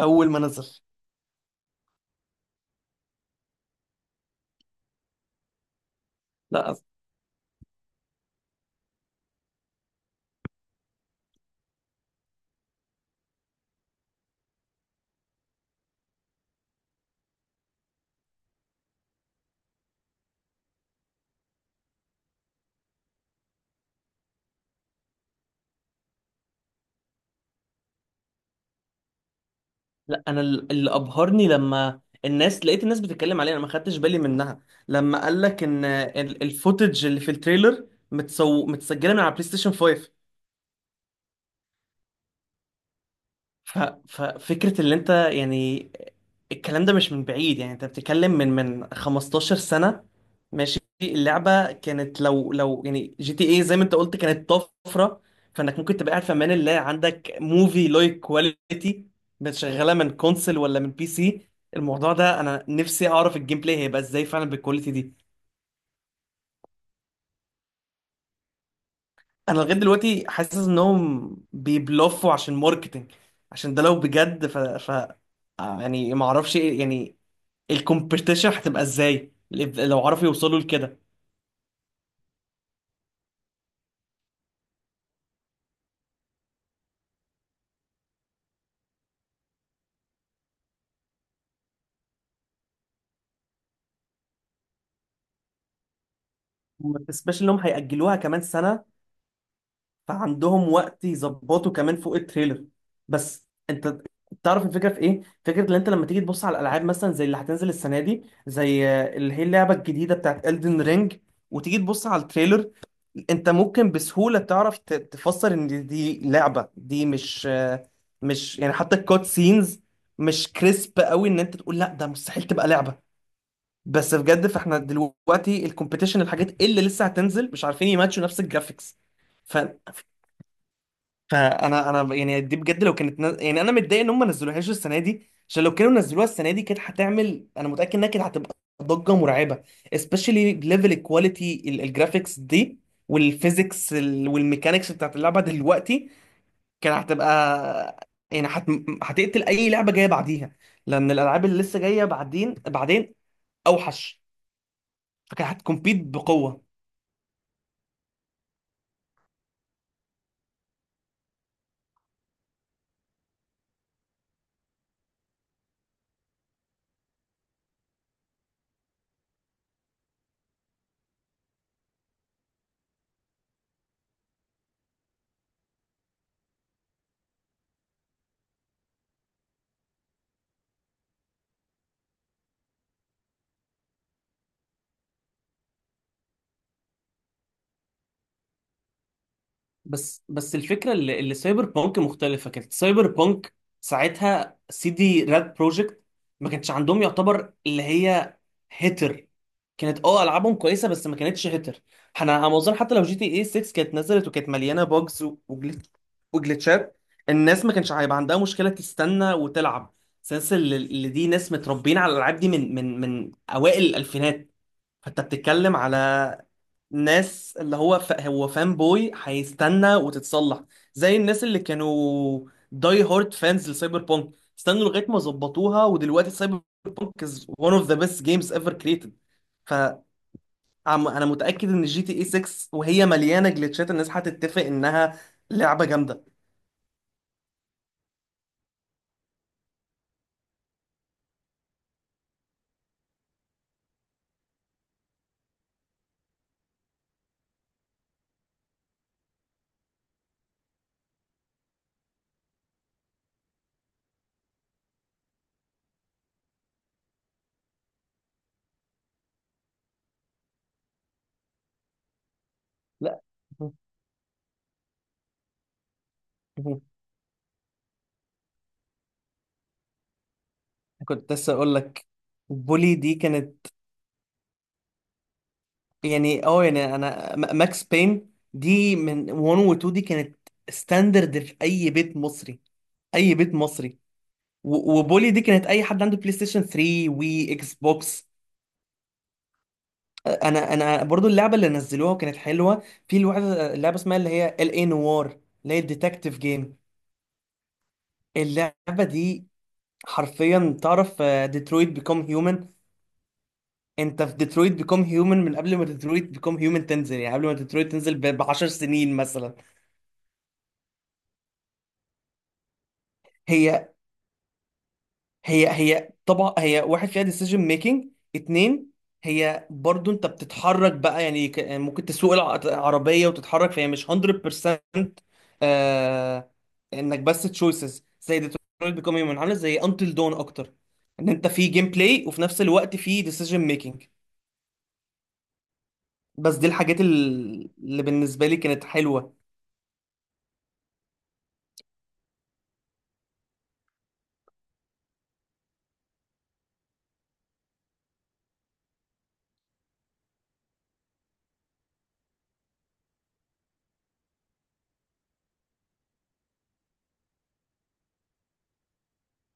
اول ما نزل. لا، لا، انا اللي ابهرني لما الناس لقيت الناس بتتكلم عليه، انا ما خدتش بالي منها. لما قال لك ان الفوتج اللي في التريلر متسجله من على بلاي ستيشن 5. ف... ففكرة اللي انت يعني الكلام ده مش من بعيد، يعني انت بتتكلم من 15 سنة. ماشي، اللعبة كانت لو يعني جي تي ايه زي ما انت قلت كانت طفرة. فانك ممكن تبقى قاعد في امان الله عندك موفي لايك كواليتي شغالة من كونسل ولا من بي سي. الموضوع ده انا نفسي اعرف الجيم بلاي هيبقى ازاي فعلا بالكواليتي دي. انا لغاية دلوقتي حاسس انهم بيبلفوا عشان ماركتينج، عشان ده لو بجد ف... ف... آه، يعني ما اعرفش ايه. يعني الكومبيتيشن هتبقى ازاي لو عرفوا يوصلوا لكده؟ وما تنساش انهم هيأجلوها كمان سنة، فعندهم وقت يظبطوا كمان فوق التريلر. بس انت تعرف الفكرة في ايه؟ فكرة ان انت لما تيجي تبص على الالعاب مثلا زي اللي هتنزل السنة دي زي اللي هي اللعبة الجديدة بتاعت Elden Ring وتيجي تبص على التريلر، انت ممكن بسهولة تعرف تفسر ان دي لعبة. دي مش مش يعني حتى الكوت سينز مش كريسب قوي ان انت تقول لا، ده مستحيل تبقى لعبة. بس بجد فاحنا دلوقتي الكومبيتيشن الحاجات اللي لسه هتنزل مش عارفين يماتشوا نفس الجرافيكس. ف... فانا انا يعني دي بجد لو كانت يعني انا متضايق ان هم ما نزلوهاش السنه دي، عشان لو كانوا نزلوها السنه دي كانت هتعمل، انا متاكد انها كانت هتبقى ضجه مرعبه. Especially ليفل الكواليتي الجرافيكس دي والفيزيكس والميكانيكس بتاعت اللعبه دلوقتي كانت هتبقى يعني هتقتل اي لعبه جايه بعديها، لان الالعاب اللي لسه جايه بعدين بعدين اوحش. كانت هتكمبيت بقوه. بس الفكره اللي سايبر بانك مختلفه. كانت سايبر بانك ساعتها سي دي راد بروجكت ما كانش عندهم يعتبر اللي هي هيتر. كانت اه العابهم كويسه بس ما كانتش هيتر. احنا على ما اظن حتى لو جي تي اي 6 كانت نزلت وكانت مليانه بوجز وجلitشات، الناس ما كانش هيبقى عندها مشكله تستنى وتلعب. سنس اللي دي ناس متربيين على الالعاب دي من من اوائل الالفينات. فانت بتتكلم على ناس اللي هو هو فان بوي هيستنى وتتصلح، زي الناس اللي كانوا داي هارد فانز لسايبر بونك، استنوا لغايه ما ظبطوها ودلوقتي سايبر بونك از one of the best games ever created. فانا متاكد ان جي تي اي 6 وهي مليانه جلitchات الناس هتتفق انها لعبه جامده. لا. كنت لسه اقول لك بولي دي كانت، يعني اه يعني انا ماكس بين دي من 1 و 2 دي كانت ستاندرد في اي بيت مصري، اي بيت مصري. وبولي دي كانت اي حد عنده بلاي ستيشن 3 وي اكس بوكس. انا برضو اللعبه اللي نزلوها كانت حلوه. في لعبه اسمها اللي هي ال اي نوار، اللي هي الديتكتيف جيم. اللعبه دي حرفيا، تعرف ديترويت بيكوم هيومن؟ انت في ديترويت بيكوم هيومن من قبل ما ديترويت بيكوم هيومن تنزل، يعني قبل ما ديترويت تنزل ب 10 سنين مثلا. هي هي طبعا هي واحد فيها ديسيجن ميكنج، اتنين هي برضو انت بتتحرك بقى، يعني ممكن تسوق العربية وتتحرك، فهي مش 100% آه انك بس تشويسز زي Detroit Become Human. عامله زي Until Dawn اكتر، ان انت في جيم بلاي وفي نفس الوقت في ديسيجن ميكنج. بس دي الحاجات اللي بالنسبة لي كانت حلوة.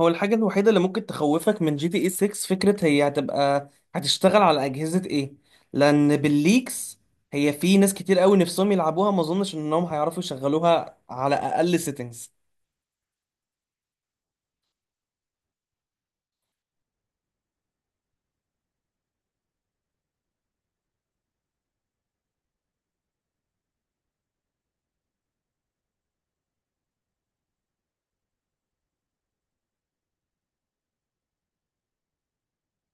هو الحاجة الوحيدة اللي ممكن تخوفك من جي تي اي 6 فكرة هي هتبقى هتشتغل على أجهزة ايه، لأن بالليكس هي في ناس كتير قوي نفسهم يلعبوها ما اظنش انهم هيعرفوا يشغلوها على اقل سيتنجز.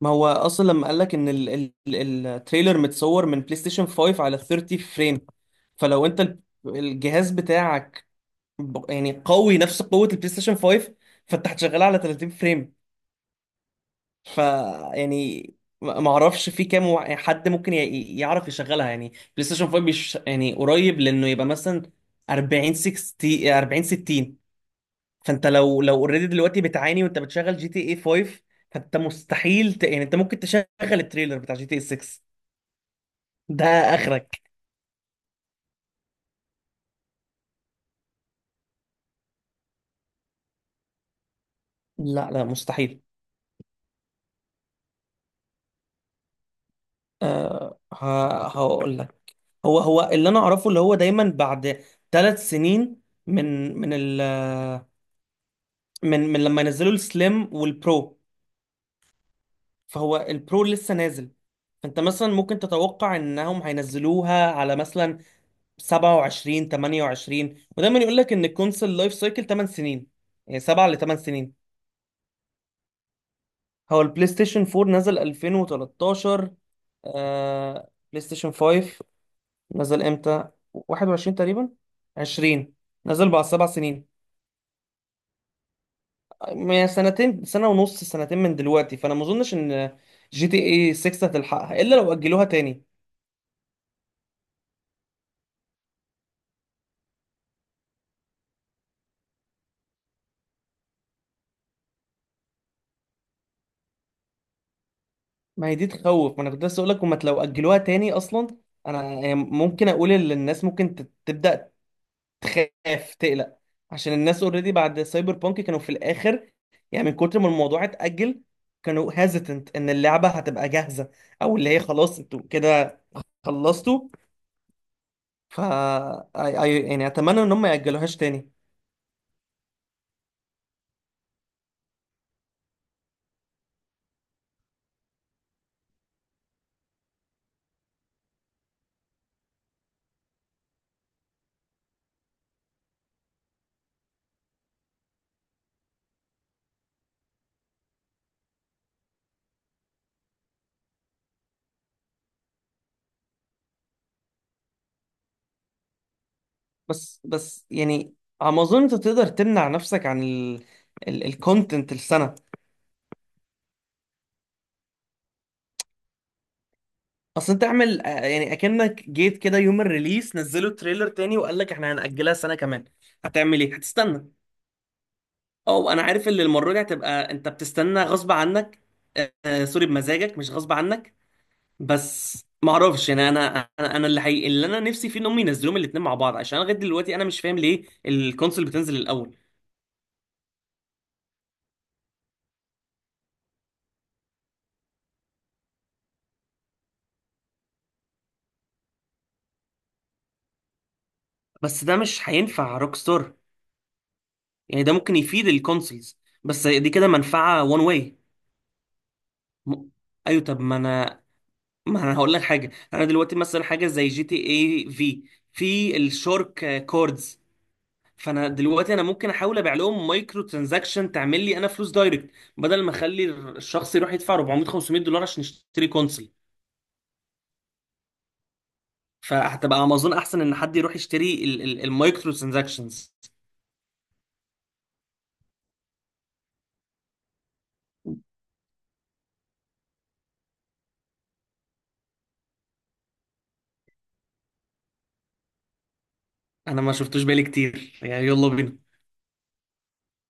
ما هو اصلا لما قالك ان التريلر متصور من بلاي ستيشن 5 على 30 فريم. فلو انت الجهاز بتاعك يعني قوي نفس قوة البلاي ستيشن 5، فانت هتشغلها على 30 فريم. ف يعني ما اعرفش في كام يعني حد ممكن يعرف يشغلها، يعني بلاي ستيشن 5 بيش يعني قريب لانه يبقى مثلا 40 60 40 60. فانت لو اوريدي دلوقتي بتعاني وانت بتشغل جي تي اي 5، فانت مستحيل يعني انت ممكن تشغل التريلر بتاع جي تي اي 6. ده اخرك. لا، لا، مستحيل. أه، هقول لك. هو اللي انا اعرفه اللي هو دايما بعد 3 سنين من من ال من من لما نزلوا السليم والبرو، فهو البرو لسه نازل. فانت مثلا ممكن تتوقع انهم هينزلوها على مثلا 27 28. ودايما يقول لك ان الكونسول لايف سايكل 8 سنين، يعني 7 ل 8 سنين. هو البلاي ستيشن 4 نزل 2013. آه، بلاي ستيشن 5 نزل امتى؟ 21 تقريبا، 20. نزل بعد 7 سنين، يعني سنتين، سنة ونص، سنتين من دلوقتي. فانا ما اظنش ان جي تي اي 6 هتلحقها الا لو اجلوها تاني. ما هي دي تخوف. ما انا كنت لسه اقول لك هما لو اجلوها تاني اصلا، انا يعني ممكن اقول ان الناس ممكن تبدا تخاف تقلق، عشان الناس اوريدي بعد سايبر بانك كانوا في الاخر، يعني من كتر ما الموضوع اتاجل كانوا هيزيتنت ان اللعبه هتبقى جاهزه، او اللي هي خلاص انتوا كده خلصتوا. ف يعني اتمنى ان هم ما ياجلوهاش تاني. بس يعني على ما اظن انت تقدر تمنع نفسك عن الكونتنت السنه. اصل انت اعمل يعني اكنك جيت كده يوم الريليس نزلوا تريلر تاني وقال لك احنا هنأجلها سنة كمان، هتعمل ايه؟ هتستنى؟ او انا عارف ان المرة دي هتبقى انت بتستنى غصب عنك. سوري، بمزاجك مش غصب عنك. بس ما اعرفش، يعني انا اللي حقيقي اللي انا نفسي فيه ان هم ينزلوهم الاثنين مع بعض، عشان أنا لغايه دلوقتي انا مش فاهم ليه الكونسول بتنزل الاول. بس ده مش هينفع روك ستار. يعني ده ممكن يفيد الكونسولز، بس دي كده منفعه وان واي. م... ايوه، طب ما انا هقول لك حاجه. انا دلوقتي مثلا حاجه زي جي تي اي في الشارك كوردز، فانا دلوقتي انا ممكن احاول ابيع لهم مايكرو ترانزاكشن تعمل لي انا فلوس دايركت، بدل ما اخلي الشخص يروح يدفع 400 $500 عشان يشتري كونسل. فهتبقى امازون احسن ان حد يروح يشتري المايكرو ترانزاكشنز. انا ما شفتوش بالي كتير يعني. يلا بينا.